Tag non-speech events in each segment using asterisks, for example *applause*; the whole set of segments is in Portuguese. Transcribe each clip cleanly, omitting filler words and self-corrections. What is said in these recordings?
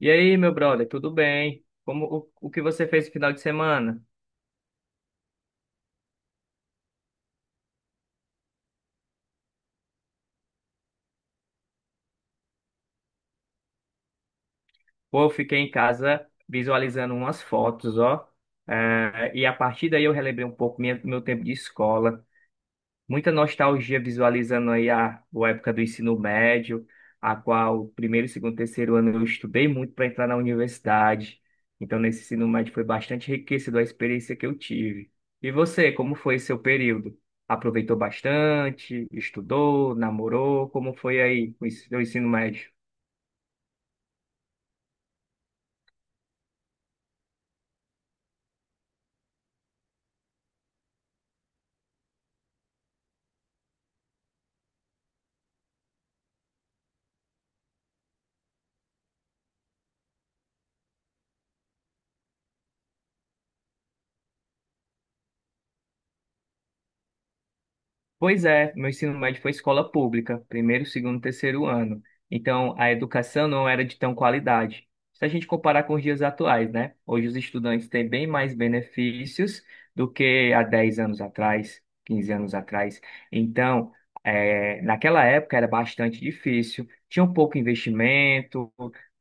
E aí, meu brother, tudo bem? Como o que você fez no final de semana? Pô, eu fiquei em casa visualizando umas fotos, ó. É, e a partir daí eu relembrei um pouco meu tempo de escola. Muita nostalgia visualizando aí a época do ensino médio, a qual primeiro, segundo, terceiro ano eu estudei muito para entrar na universidade. Então, nesse ensino médio foi bastante enriquecido a experiência que eu tive. E você, como foi seu período? Aproveitou bastante? Estudou? Namorou? Como foi aí o seu ensino médio? Pois é, meu ensino médio foi escola pública, primeiro, segundo, terceiro ano. Então, a educação não era de tão qualidade. Se a gente comparar com os dias atuais, né? Hoje os estudantes têm bem mais benefícios do que há 10 anos atrás, 15 anos atrás. Então, naquela época era bastante difícil, tinha um pouco investimento,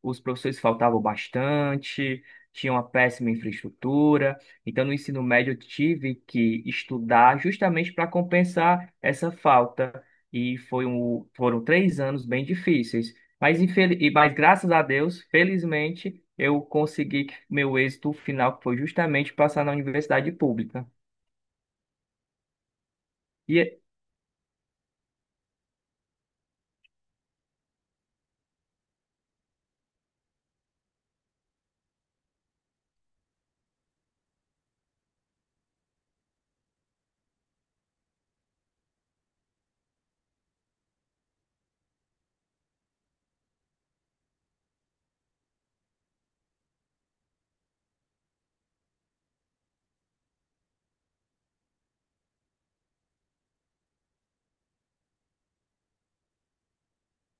os professores faltavam bastante, tinha uma péssima infraestrutura. Então, no ensino médio, eu tive que estudar justamente para compensar essa falta. E foram três anos bem difíceis. Mas, graças a Deus, felizmente, eu consegui que meu êxito final, que foi justamente passar na universidade pública. E é-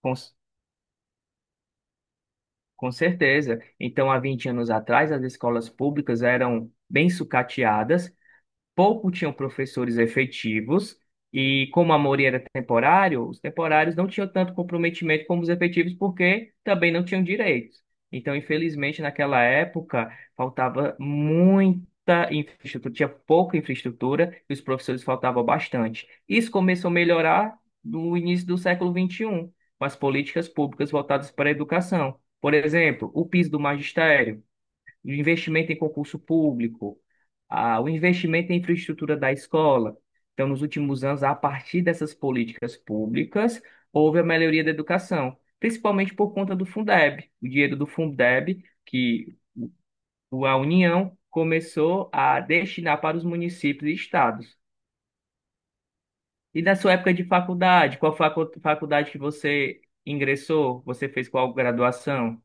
com, c- com certeza. Então, há 20 anos atrás, as escolas públicas eram bem sucateadas, pouco tinham professores efetivos, e como a maioria era temporário, os temporários não tinham tanto comprometimento como os efetivos, porque também não tinham direitos. Então, infelizmente, naquela época, faltava muita infraestrutura, tinha pouca infraestrutura e os professores faltavam bastante. Isso começou a melhorar no início do século XXI, com as políticas públicas voltadas para a educação. Por exemplo, o piso do magistério, o investimento em concurso público, ah, o investimento em infraestrutura da escola. Então, nos últimos anos, a partir dessas políticas públicas, houve a melhoria da educação, principalmente por conta do Fundeb, o dinheiro do Fundeb, que a União começou a destinar para os municípios e estados. E na sua época de faculdade, faculdade que você ingressou? Você fez qual graduação?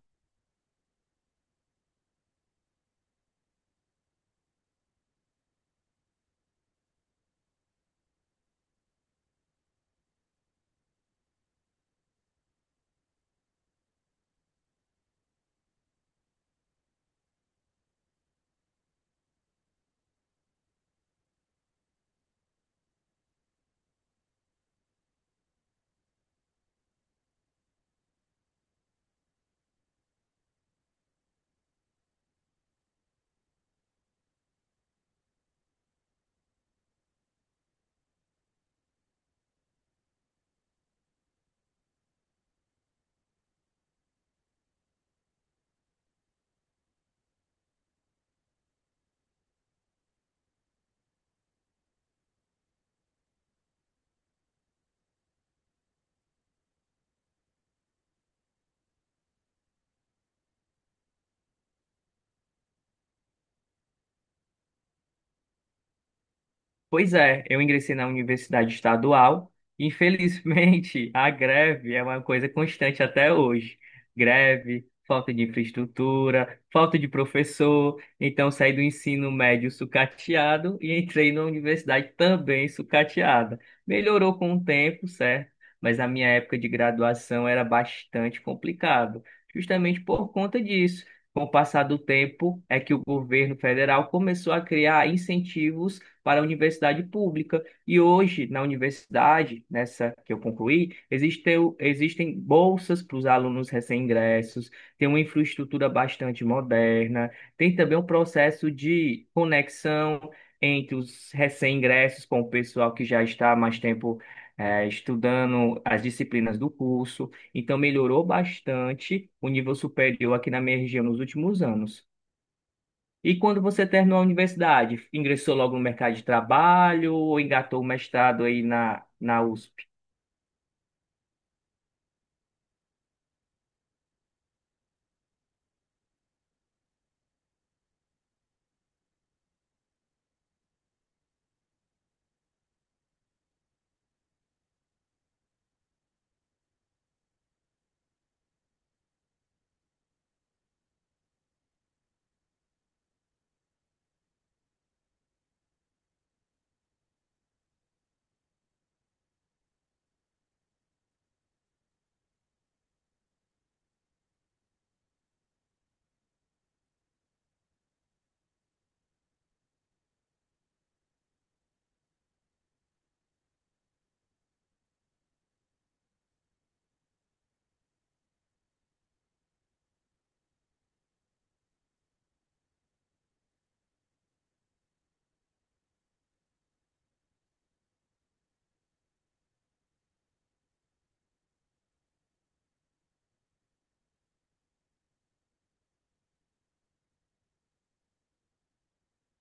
Pois é, eu ingressei na universidade estadual. Infelizmente, *laughs* a greve é uma coisa constante até hoje. Greve, falta de infraestrutura, falta de professor. Então, saí do ensino médio sucateado e entrei na universidade também sucateada. Melhorou com o tempo, certo? Mas a minha época de graduação era bastante complicado, justamente por conta disso. Com o passar do tempo, é que o governo federal começou a criar incentivos para a universidade pública. E hoje, na universidade, nessa que eu concluí, existem bolsas para os alunos recém-ingressos, tem uma infraestrutura bastante moderna, tem também um processo de conexão entre os recém-ingressos com o pessoal que já está há mais tempo. Eh, estudando as disciplinas do curso, então melhorou bastante o nível superior aqui na minha região nos últimos anos. E quando você terminou a universidade, ingressou logo no mercado de trabalho ou engatou o mestrado aí na U S?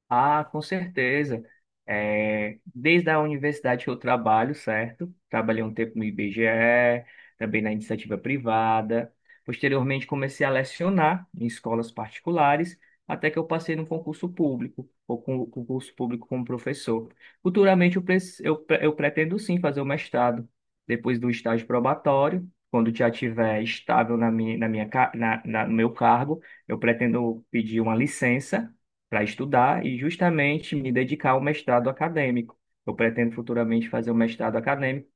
Ah, com certeza. É, desde a universidade que eu trabalho, certo? Trabalhei um tempo no IBGE, também na iniciativa privada. Posteriormente, comecei a lecionar em escolas particulares, até que eu passei no concurso público, ou com concurso público como professor. Futuramente, eu pretendo sim fazer o mestrado, depois do estágio probatório. Quando já estiver estável na minha, ca- na, na- no meu cargo, eu pretendo pedir uma licença para estudar e justamente me dedicar ao mestrado acadêmico. Eu pretendo futuramente fazer um mestrado acadêmico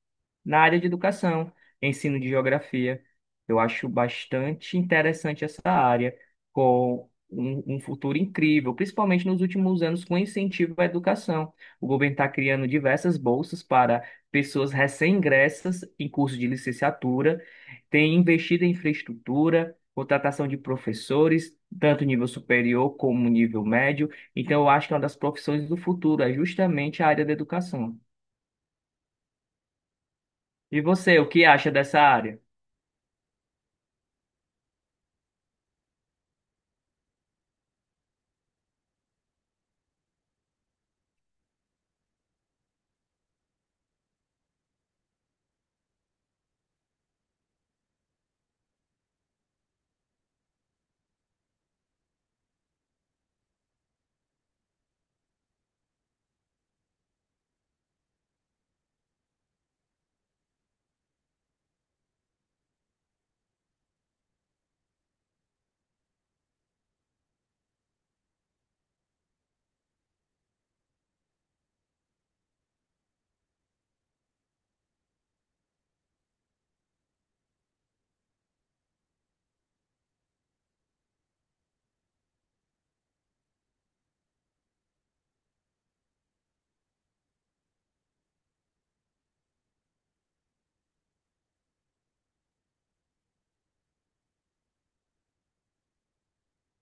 na área de educação, ensino de geografia. Eu acho bastante interessante essa área, com um futuro incrível, principalmente nos últimos anos, com incentivo à educação. O governo está criando diversas bolsas para pessoas recém-ingressas em curso de licenciatura, tem investido em infraestrutura, contratação de professores, tanto nível superior como nível médio. Então, eu acho que é uma das profissões do futuro é justamente a área da educação. E você, o que acha dessa área?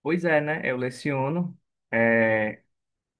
Pois é, né? Eu leciono. é,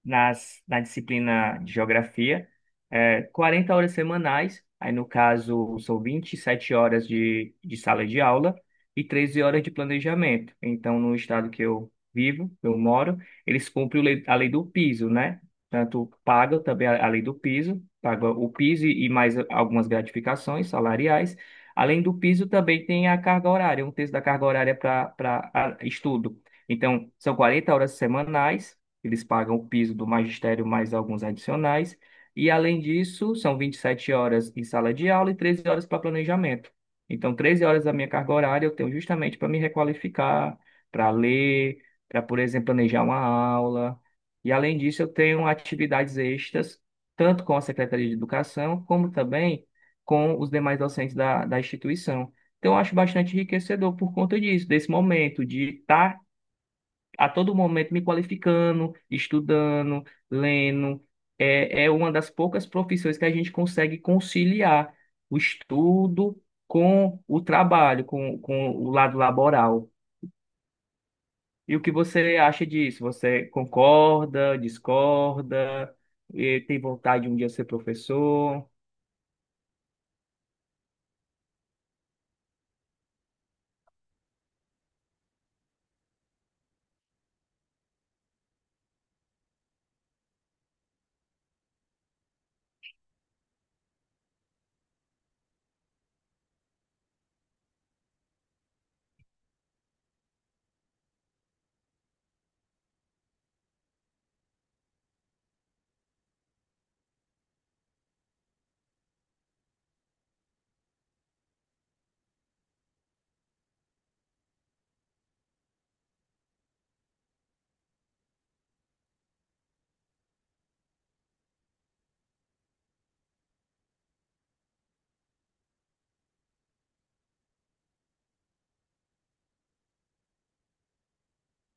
Na disciplina de geografia, é, 40 horas semanais, aí no caso são 27 horas de sala de aula e 13 horas de planejamento. Então, no estado que eu vivo, eu moro, eles cumprem a lei do piso, né? Tanto pagam também a lei do piso, paga o piso e mais algumas gratificações salariais. Além do piso, também tem a carga horária, um terço da carga horária para estudo. Então, são 40 horas semanais, eles pagam o piso do magistério mais alguns adicionais. E, além disso, são 27 horas em sala de aula e 13 horas para planejamento. Então, 13 horas da minha carga horária eu tenho justamente para me requalificar, para ler, para, por exemplo, planejar uma aula. E, além disso, eu tenho atividades extras, tanto com a Secretaria de Educação, como também com os demais docentes da instituição. Então, eu acho bastante enriquecedor por conta disso, desse momento de estar a todo momento me qualificando, estudando, lendo. É, é uma das poucas profissões que a gente consegue conciliar o estudo com o trabalho, com o lado laboral. E o que você acha disso? Você concorda, discorda, e tem vontade de um dia ser professor?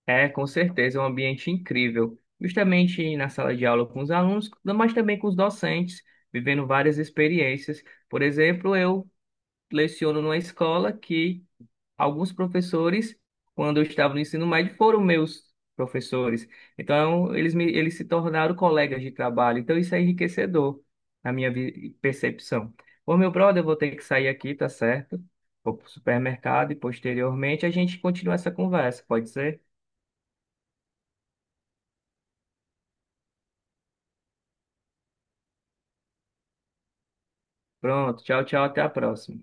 É, com certeza, é um ambiente incrível. Justamente na sala de aula com os alunos, mas também com os docentes, vivendo várias experiências. Por exemplo, eu leciono numa escola que alguns professores, quando eu estava no ensino médio, foram meus professores. Então, eles se tornaram colegas de trabalho. Então, isso é enriquecedor na percepção. Ô, meu brother, eu vou ter que sair aqui, tá certo? Vou pro supermercado e posteriormente a gente continua essa conversa, pode ser? Pronto, tchau, tchau, até a próxima.